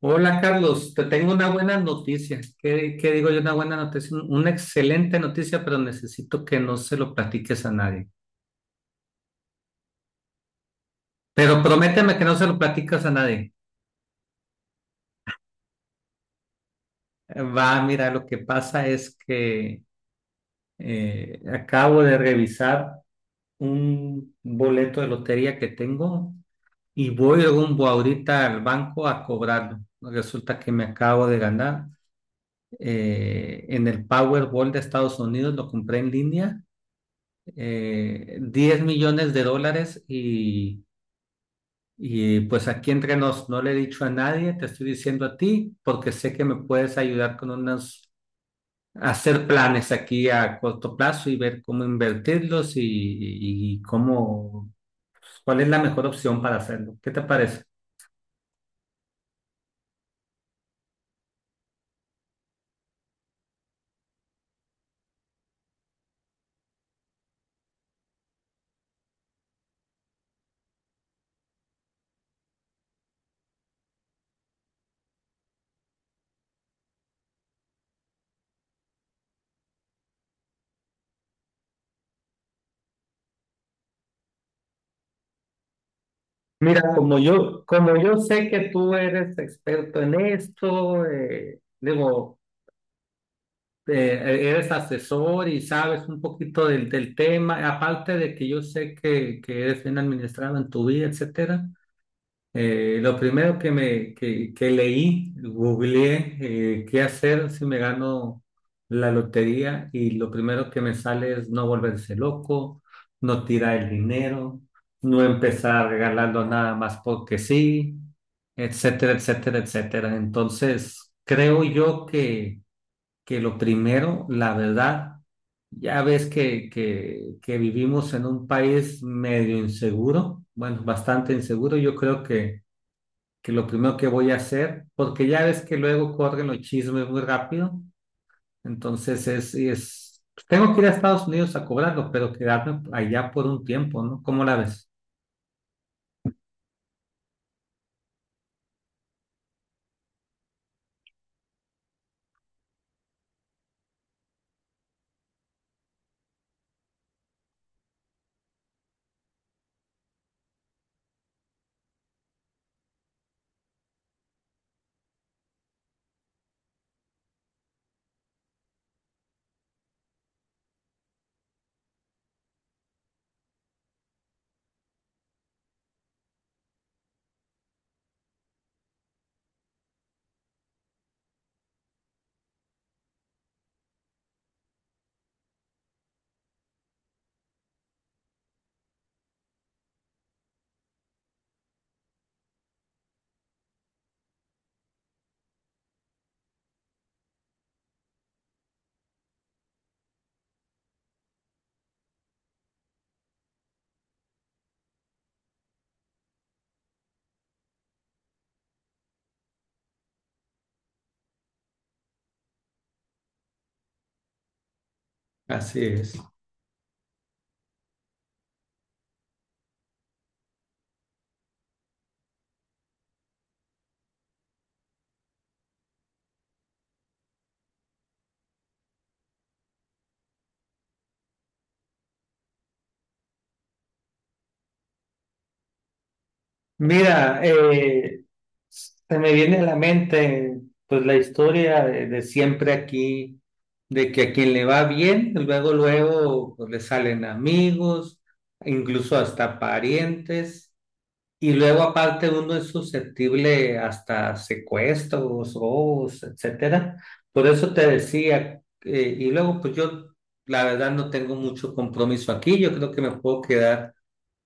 Hola Carlos, te tengo una buena noticia. ¿Qué digo yo? Una buena noticia, una excelente noticia, pero necesito que no se lo platiques a nadie. Pero prométeme que no se lo platicas a nadie. Va, mira, lo que pasa es que acabo de revisar un boleto de lotería que tengo y voy rumbo ahorita al banco a cobrarlo. Resulta que me acabo de ganar en el Powerball de Estados Unidos, lo compré en línea $10 millones y, pues aquí entre nos, no le he dicho a nadie, te estoy diciendo a ti porque sé que me puedes ayudar con unos, hacer planes aquí a corto plazo y ver cómo invertirlos y cómo, pues, cuál es la mejor opción para hacerlo. ¿Qué te parece? Mira, como yo sé que tú eres experto en esto, digo, eres asesor y sabes un poquito del tema, aparte de que yo sé que eres bien administrado en tu vida, etcétera. Lo primero que me que leí, googleé qué hacer si me gano la lotería, y lo primero que me sale es no volverse loco, no tirar el dinero, no empezar regalando nada más porque sí, etcétera, etcétera, etcétera. Entonces, creo yo que lo primero, la verdad, ya ves que vivimos en un país medio inseguro, bueno, bastante inseguro, yo creo que lo primero que voy a hacer, porque ya ves que luego corren los chismes muy rápido, entonces tengo que ir a Estados Unidos a cobrarlo, pero quedarme allá por un tiempo, ¿no? ¿Cómo la ves? Así es. Mira, se me viene a la mente pues la historia de siempre aquí, de que a quien le va bien, luego, luego pues, le salen amigos, incluso hasta parientes, y luego aparte uno es susceptible hasta secuestros, robos, etcétera. Por eso te decía, y luego pues yo la verdad no tengo mucho compromiso aquí, yo creo que me puedo quedar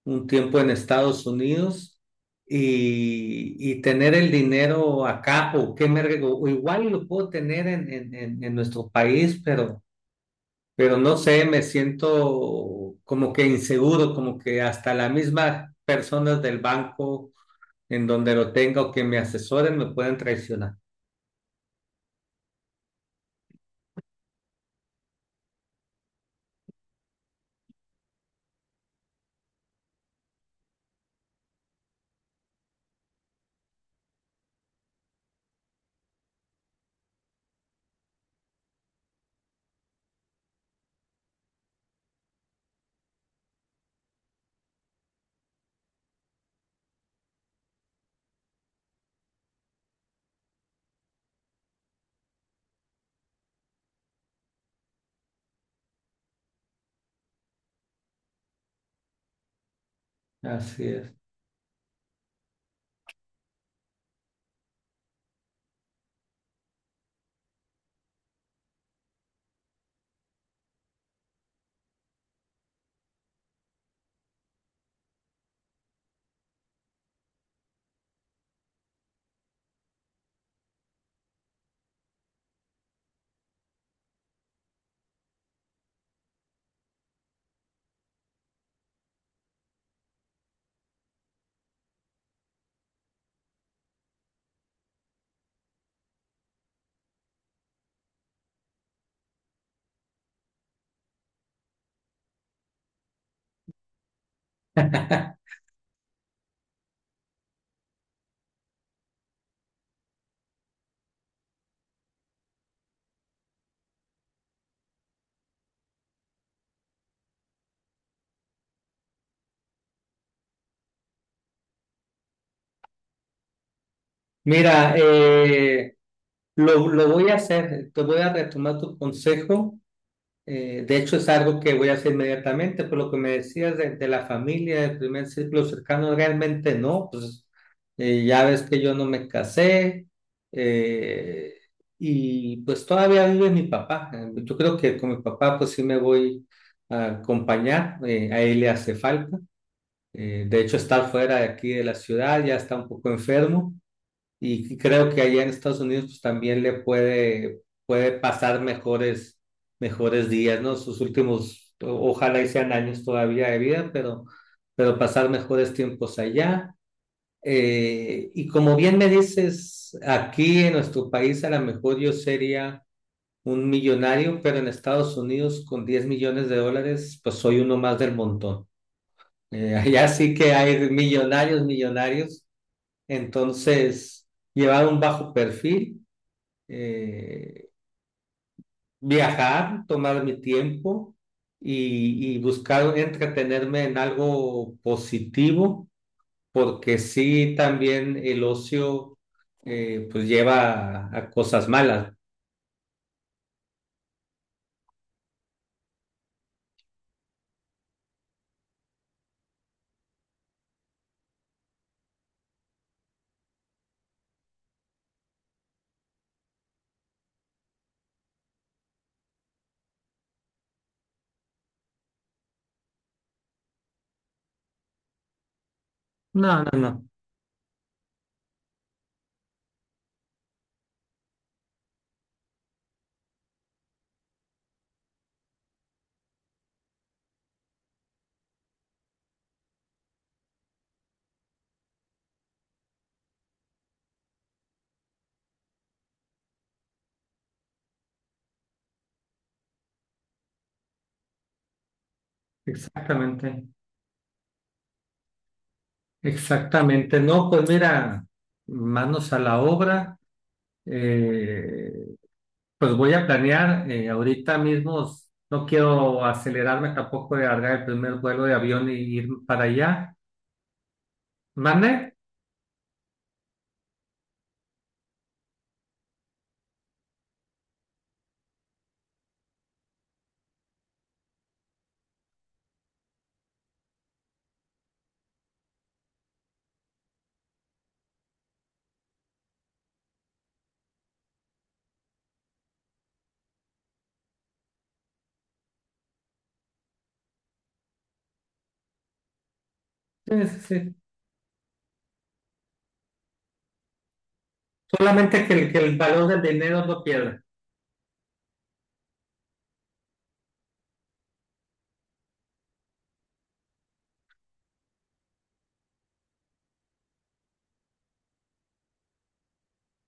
un tiempo en Estados Unidos y tener el dinero acá o o igual lo puedo tener en nuestro país, pero no sé, me siento como que inseguro, como que hasta las mismas personas del banco en donde lo tenga o que me asesoren me pueden traicionar. Así es. Mira, lo voy a hacer, te voy a retomar tu consejo. De hecho, es algo que voy a hacer inmediatamente, por lo que me decías de la familia, del primer círculo cercano, realmente no, pues ya ves que yo no me casé. Eh, y pues todavía vive mi papá. Yo creo que con mi papá pues sí me voy a acompañar, a él le hace falta. De hecho, está fuera de aquí de la ciudad, ya está un poco enfermo. Y creo que allá en Estados Unidos pues también le puede pasar mejores, mejores días, ¿no? Sus últimos, ojalá y sean años todavía de vida, pero pasar mejores tiempos allá. Y como bien me dices, aquí en nuestro país a lo mejor yo sería un millonario, pero en Estados Unidos con $10 millones, pues soy uno más del montón. Allá sí que hay millonarios, millonarios. Entonces, llevar un bajo perfil, eh, viajar, tomar mi tiempo y, buscar entretenerme en algo positivo, porque sí, también el ocio pues lleva a cosas malas. No, no, no, exactamente, exactamente. No, pues mira, manos a la obra. eh, pues voy a planear ahorita mismo. No quiero acelerarme tampoco de agarrar el primer vuelo de avión y ir para allá. ¿Mande? Sí, sí, sí. Solamente que que el valor del dinero no pierda.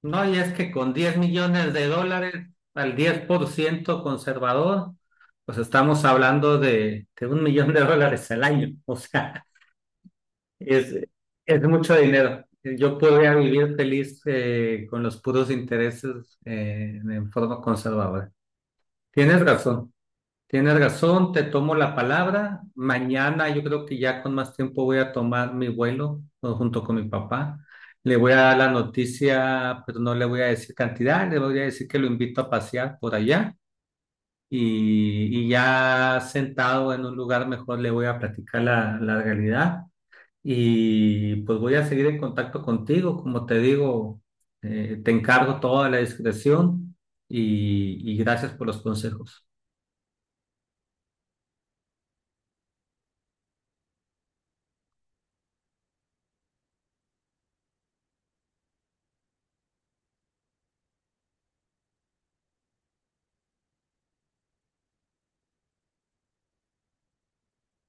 No, y es que con $10 millones al 10% conservador, pues estamos hablando de $1 millón al año. O sea, es, es mucho dinero. Yo podría vivir feliz con los puros intereses en forma conservadora. Tienes razón. Tienes razón, te tomo la palabra. Mañana yo creo que ya con más tiempo voy a tomar mi vuelo, ¿no?, junto con mi papá. Le voy a dar la noticia, pero no le voy a decir cantidad, le voy a decir que lo invito a pasear por allá y ya sentado en un lugar mejor le voy a platicar la realidad y pues voy a seguir en contacto contigo. Como te digo, te encargo toda la discreción y y gracias por los consejos.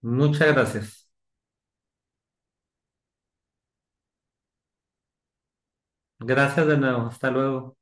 Muchas gracias. Gracias de nuevo. Hasta luego.